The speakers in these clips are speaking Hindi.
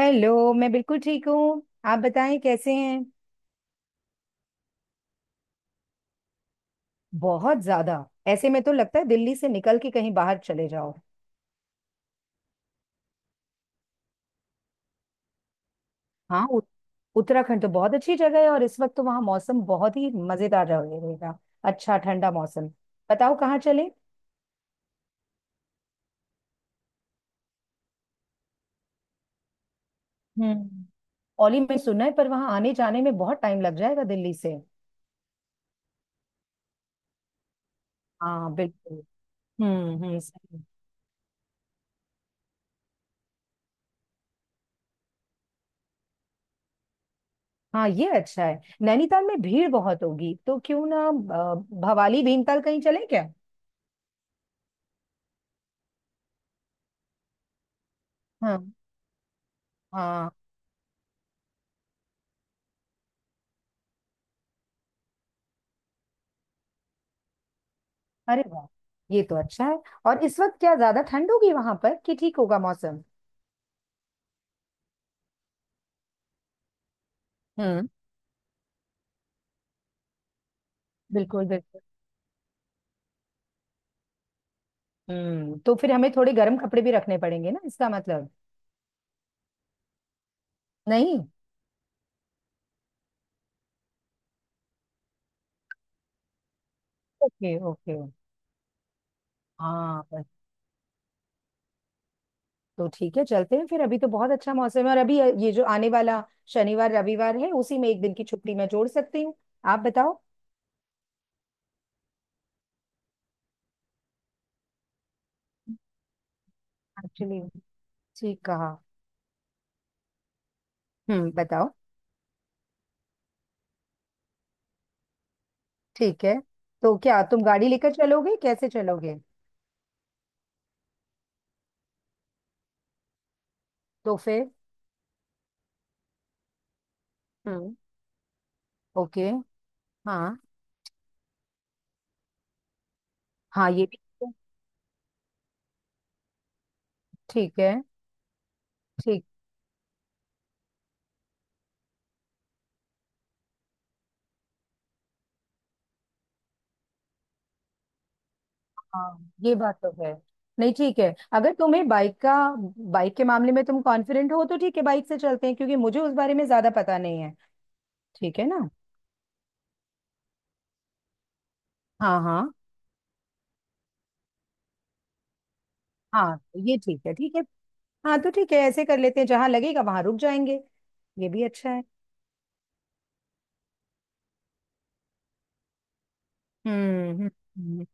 हेलो, मैं बिल्कुल ठीक हूँ। आप बताएं कैसे हैं। बहुत ज्यादा। ऐसे में तो लगता है दिल्ली से निकल के कहीं बाहर चले जाओ। हाँ, उत्तराखंड तो बहुत अच्छी जगह है और इस वक्त तो वहाँ मौसम बहुत ही मजेदार रहेगा। अच्छा ठंडा मौसम। बताओ कहाँ चले। हम्म। ओली में सुना है पर वहाँ आने जाने में बहुत टाइम लग जाएगा दिल्ली से। हाँ, बिल्कुल। हम्म, हम्म, सही। हाँ, ये अच्छा है। नैनीताल में भीड़ बहुत होगी, तो क्यों ना भवाली, भीमताल कहीं चले क्या। हाँ, हाँ। अरे वाह, ये तो अच्छा है। और इस वक्त क्या ज्यादा ठंड होगी वहां पर कि ठीक होगा मौसम। हम्म। बिल्कुल, बिल्कुल। तो फिर हमें थोड़े गर्म कपड़े भी रखने पड़ेंगे ना, इसका मतलब। नहीं। Okay, okay. हाँ, पर। तो ठीक है, चलते हैं फिर। अभी तो बहुत अच्छा मौसम है, और अभी ये जो आने वाला शनिवार रविवार है उसी में एक दिन की छुट्टी मैं जोड़ सकती हूँ। आप बताओ। एक्चुअली, ठीक कहा। बताओ। ठीक है, तो क्या तुम गाड़ी लेकर चलोगे, कैसे चलोगे। तो फिर। हम्म। ओके। हाँ, हाँ, ये भी ठीक है। ठीक। हाँ, ये बात तो है। नहीं, ठीक है, अगर तुम्हें बाइक का बाइक के मामले में तुम कॉन्फिडेंट हो तो ठीक है, बाइक से चलते हैं, क्योंकि मुझे उस बारे में ज्यादा पता नहीं है। ठीक है ना। हाँ, हाँ। हाँ, ये ठीक है, ठीक है। हाँ, तो ठीक है, ऐसे कर लेते हैं, जहां लगेगा वहां रुक जाएंगे। ये भी अच्छा है। हम्म, हम्म। हम्म।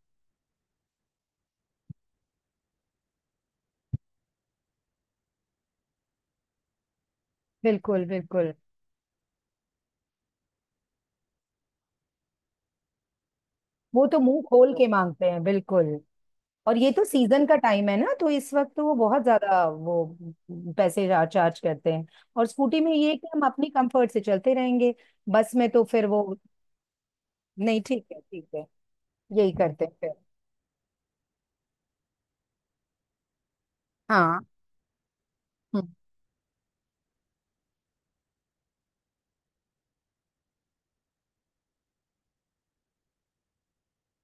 बिल्कुल, बिल्कुल। वो तो मुंह खोल के मांगते हैं, बिल्कुल। और ये तो सीजन का टाइम है ना, तो इस वक्त तो वो बहुत ज्यादा वो पैसे चार्ज करते हैं। और स्कूटी में ये है कि हम अपनी कंफर्ट से चलते रहेंगे, बस में तो फिर वो। नहीं, ठीक है, ठीक है। यही करते हैं फिर। हाँ। हम्म।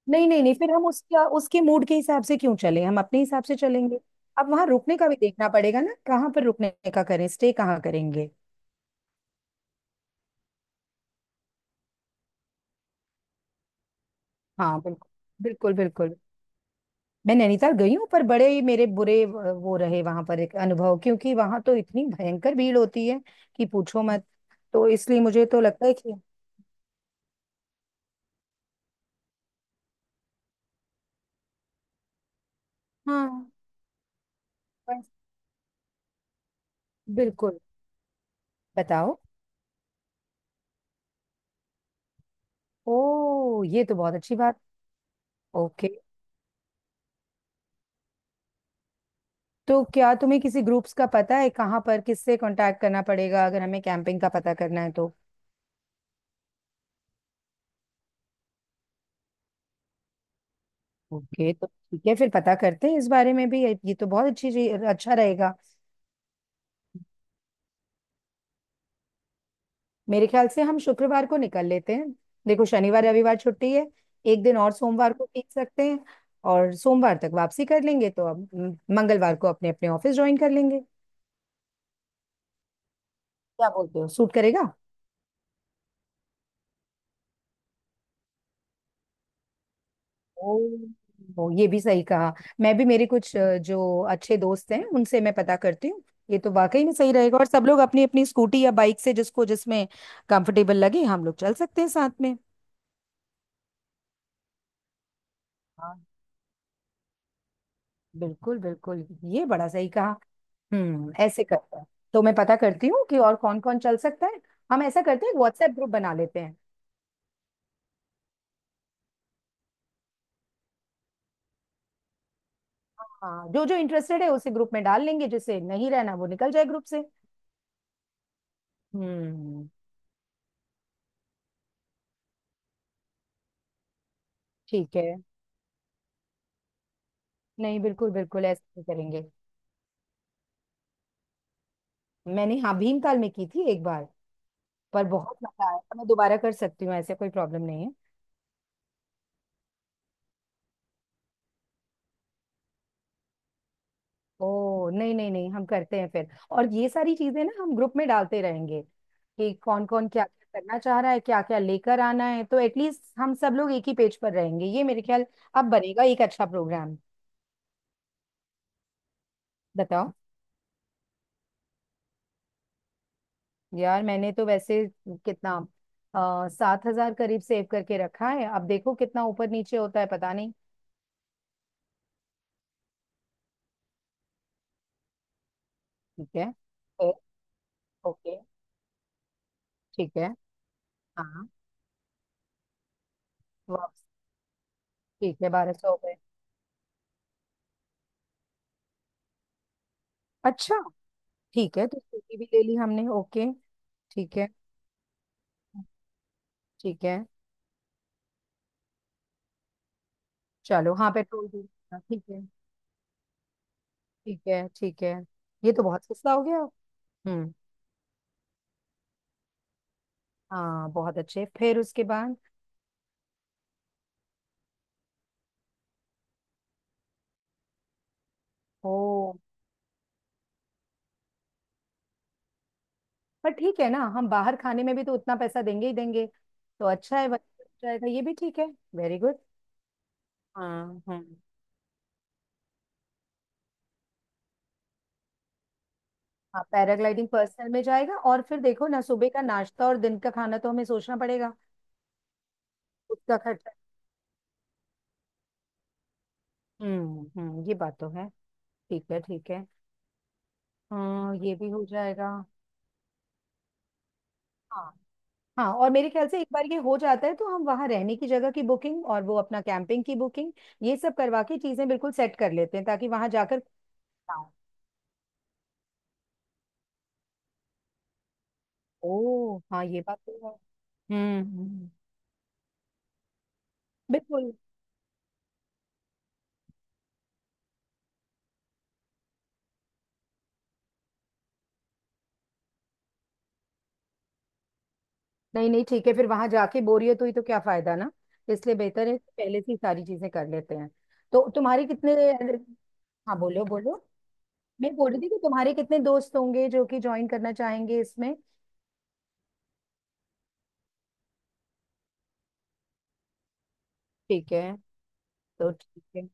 नहीं, नहीं, नहीं, फिर हम उसका उसके मूड के हिसाब से क्यों चलें, हम अपने हिसाब से चलेंगे। अब वहां रुकने का भी देखना पड़ेगा ना, कहाँ पर रुकने का करें, स्टे कहाँ करेंगे। हाँ, बिल्कुल, बिल्कुल, बिल्कुल। मैं नैनीताल गई हूँ, पर बड़े ही मेरे बुरे वो रहे वहां पर एक अनुभव, क्योंकि वहां तो इतनी भयंकर भीड़ होती है कि पूछो मत। तो इसलिए मुझे तो लगता है कि। हाँ। बस। बिल्कुल। बताओ। ओ, ये तो बहुत अच्छी बात। ओके। तो क्या तुम्हें किसी ग्रुप्स का पता है, कहाँ पर किससे कांटेक्ट करना पड़ेगा अगर हमें कैंपिंग का पता करना है तो। ओके, तो ठीक है, फिर पता करते हैं इस बारे में भी। ये तो बहुत अच्छा रहेगा। मेरे ख्याल से हम शुक्रवार को निकल लेते हैं। देखो, शनिवार रविवार छुट्टी है, एक दिन और सोमवार को खींच सकते हैं और सोमवार तक वापसी कर लेंगे, तो अब मंगलवार को अपने अपने ऑफिस ज्वाइन कर लेंगे। क्या बोलते हो, सूट करेगा। ओ, ओ, ये भी सही कहा। मैं भी, मेरे कुछ जो अच्छे दोस्त हैं उनसे मैं पता करती हूँ। ये तो वाकई में सही रहेगा, और सब लोग अपनी अपनी स्कूटी या बाइक से, जिसको जिसमें कंफर्टेबल लगे, हम लोग चल सकते हैं साथ में। हाँ, बिल्कुल, बिल्कुल। ये बड़ा सही कहा। ऐसे करते हैं। तो मैं पता करती हूँ कि और कौन कौन चल सकता है। हम ऐसा करते हैं, व्हाट्सएप ग्रुप बना लेते हैं। हाँ, जो जो इंटरेस्टेड है उसे ग्रुप में डाल लेंगे, जिसे नहीं रहना वो निकल जाए ग्रुप से। हम्म। ठीक है। नहीं, बिल्कुल, बिल्कुल ऐसा ही करेंगे। मैंने, हाँ, भीमताल में की थी एक बार। पर बहुत मजा आया था, मैं दोबारा कर सकती हूँ, ऐसे कोई प्रॉब्लम नहीं है। ओ, नहीं, नहीं, नहीं, हम करते हैं फिर। और ये सारी चीजें ना हम ग्रुप में डालते रहेंगे कि कौन कौन क्या क्या करना चाह रहा है, क्या क्या लेकर आना है, तो एटलीस्ट हम सब लोग एक ही पेज पर रहेंगे, ये मेरे ख्याल। अब बनेगा एक अच्छा प्रोग्राम। बताओ। यार, मैंने तो वैसे, कितना, 7000 करीब सेव करके रखा है, अब देखो कितना ऊपर नीचे होता है पता नहीं। ठीक है फिर। ओके। ठीक है। हाँ। वापस। ठीक है, 1200 हो गए। अच्छा। ठीक है, तो स्कूटी भी ले ली हमने, ओके। ठीक है, ठीक है। चलो, हाँ, पेट्रोल भी। हाँ, ठीक है। ठीक है, ठीक है। ये तो बहुत सस्ता हो गया। हम्म। हाँ, बहुत अच्छे, फिर उसके बाद। ओ। पर ठीक है ना, हम बाहर खाने में भी तो उतना पैसा देंगे ही देंगे। तो अच्छा है, बच जाएगा, ये भी ठीक है। Very good. हाँ। हम्म। हाँ, पैराग्लाइडिंग पर्सनल में जाएगा और फिर देखो ना, सुबह का नाश्ता और दिन का खाना तो हमें सोचना पड़ेगा। उसका खर्चा। हम्म, हम्म, ये बात तो है। ठीक है, ठीक है। हाँ, ये भी हो जाएगा। हाँ। हाँ और मेरे ख्याल से एक बार ये हो जाता है तो हम वहां रहने की जगह की बुकिंग और वो अपना कैंपिंग की बुकिंग ये सब करवा के चीजें बिल्कुल सेट कर लेते हैं, ताकि वहां जाकर ना हो। ओ हाँ, ये बात तो है। हम्म, बिल्कुल। नहीं, नहीं, ठीक है, फिर वहां जाके बोरियत हुई तो क्या फायदा ना। इसलिए बेहतर है कि पहले से ही सारी चीजें कर लेते हैं। तो तुम्हारे कितने। हाँ, बोलो, बोलो। मैं बोल रही थी कि तुम्हारे कितने दोस्त होंगे जो कि ज्वाइन करना चाहेंगे इसमें। ठीक है। तो ठीक है।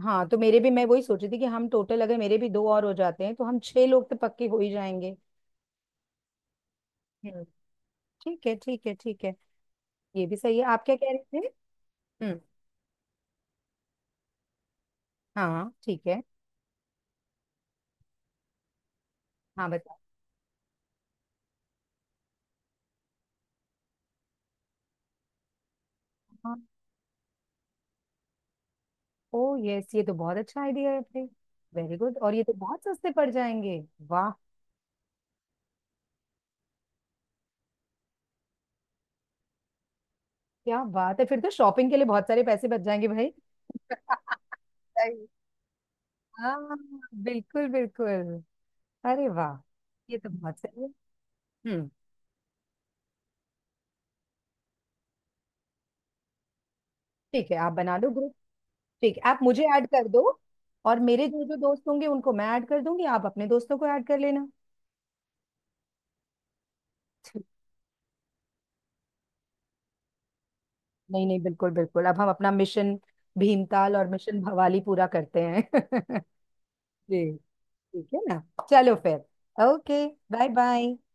हाँ, तो मेरे भी, मैं वही सोच रही थी कि हम टोटल, अगर मेरे भी दो और हो जाते हैं तो हम छह लोग तो पक्के हो ही जाएंगे। हम्म। ठीक है, ठीक है, ठीक है। ये भी सही है, आप क्या कह रहे थे। हम्म। हाँ, ठीक है। हाँ, बताओ। हाँ। ओ यस, ये तो बहुत अच्छा आइडिया है भाई। वेरी गुड, और ये तो बहुत सस्ते पड़ जाएंगे। वाह, क्या बात है, फिर तो शॉपिंग के लिए बहुत सारे पैसे बच जाएंगे भाई। सही। हाँ। बिल्कुल, बिल्कुल। अरे वाह, ये तो बहुत सही है। हम्म। ठीक है, आप बना लो ग्रुप। ठीक है, आप मुझे ऐड कर दो, और मेरे जो जो दोस्त होंगे उनको मैं ऐड कर दूंगी, आप अपने दोस्तों को ऐड कर लेना। ठीक। नहीं, नहीं, बिल्कुल, बिल्कुल, अब हम अपना मिशन भीमताल और मिशन भवाली पूरा करते हैं। जी। ठीक है ना। चलो फिर। ओके। Bye bye.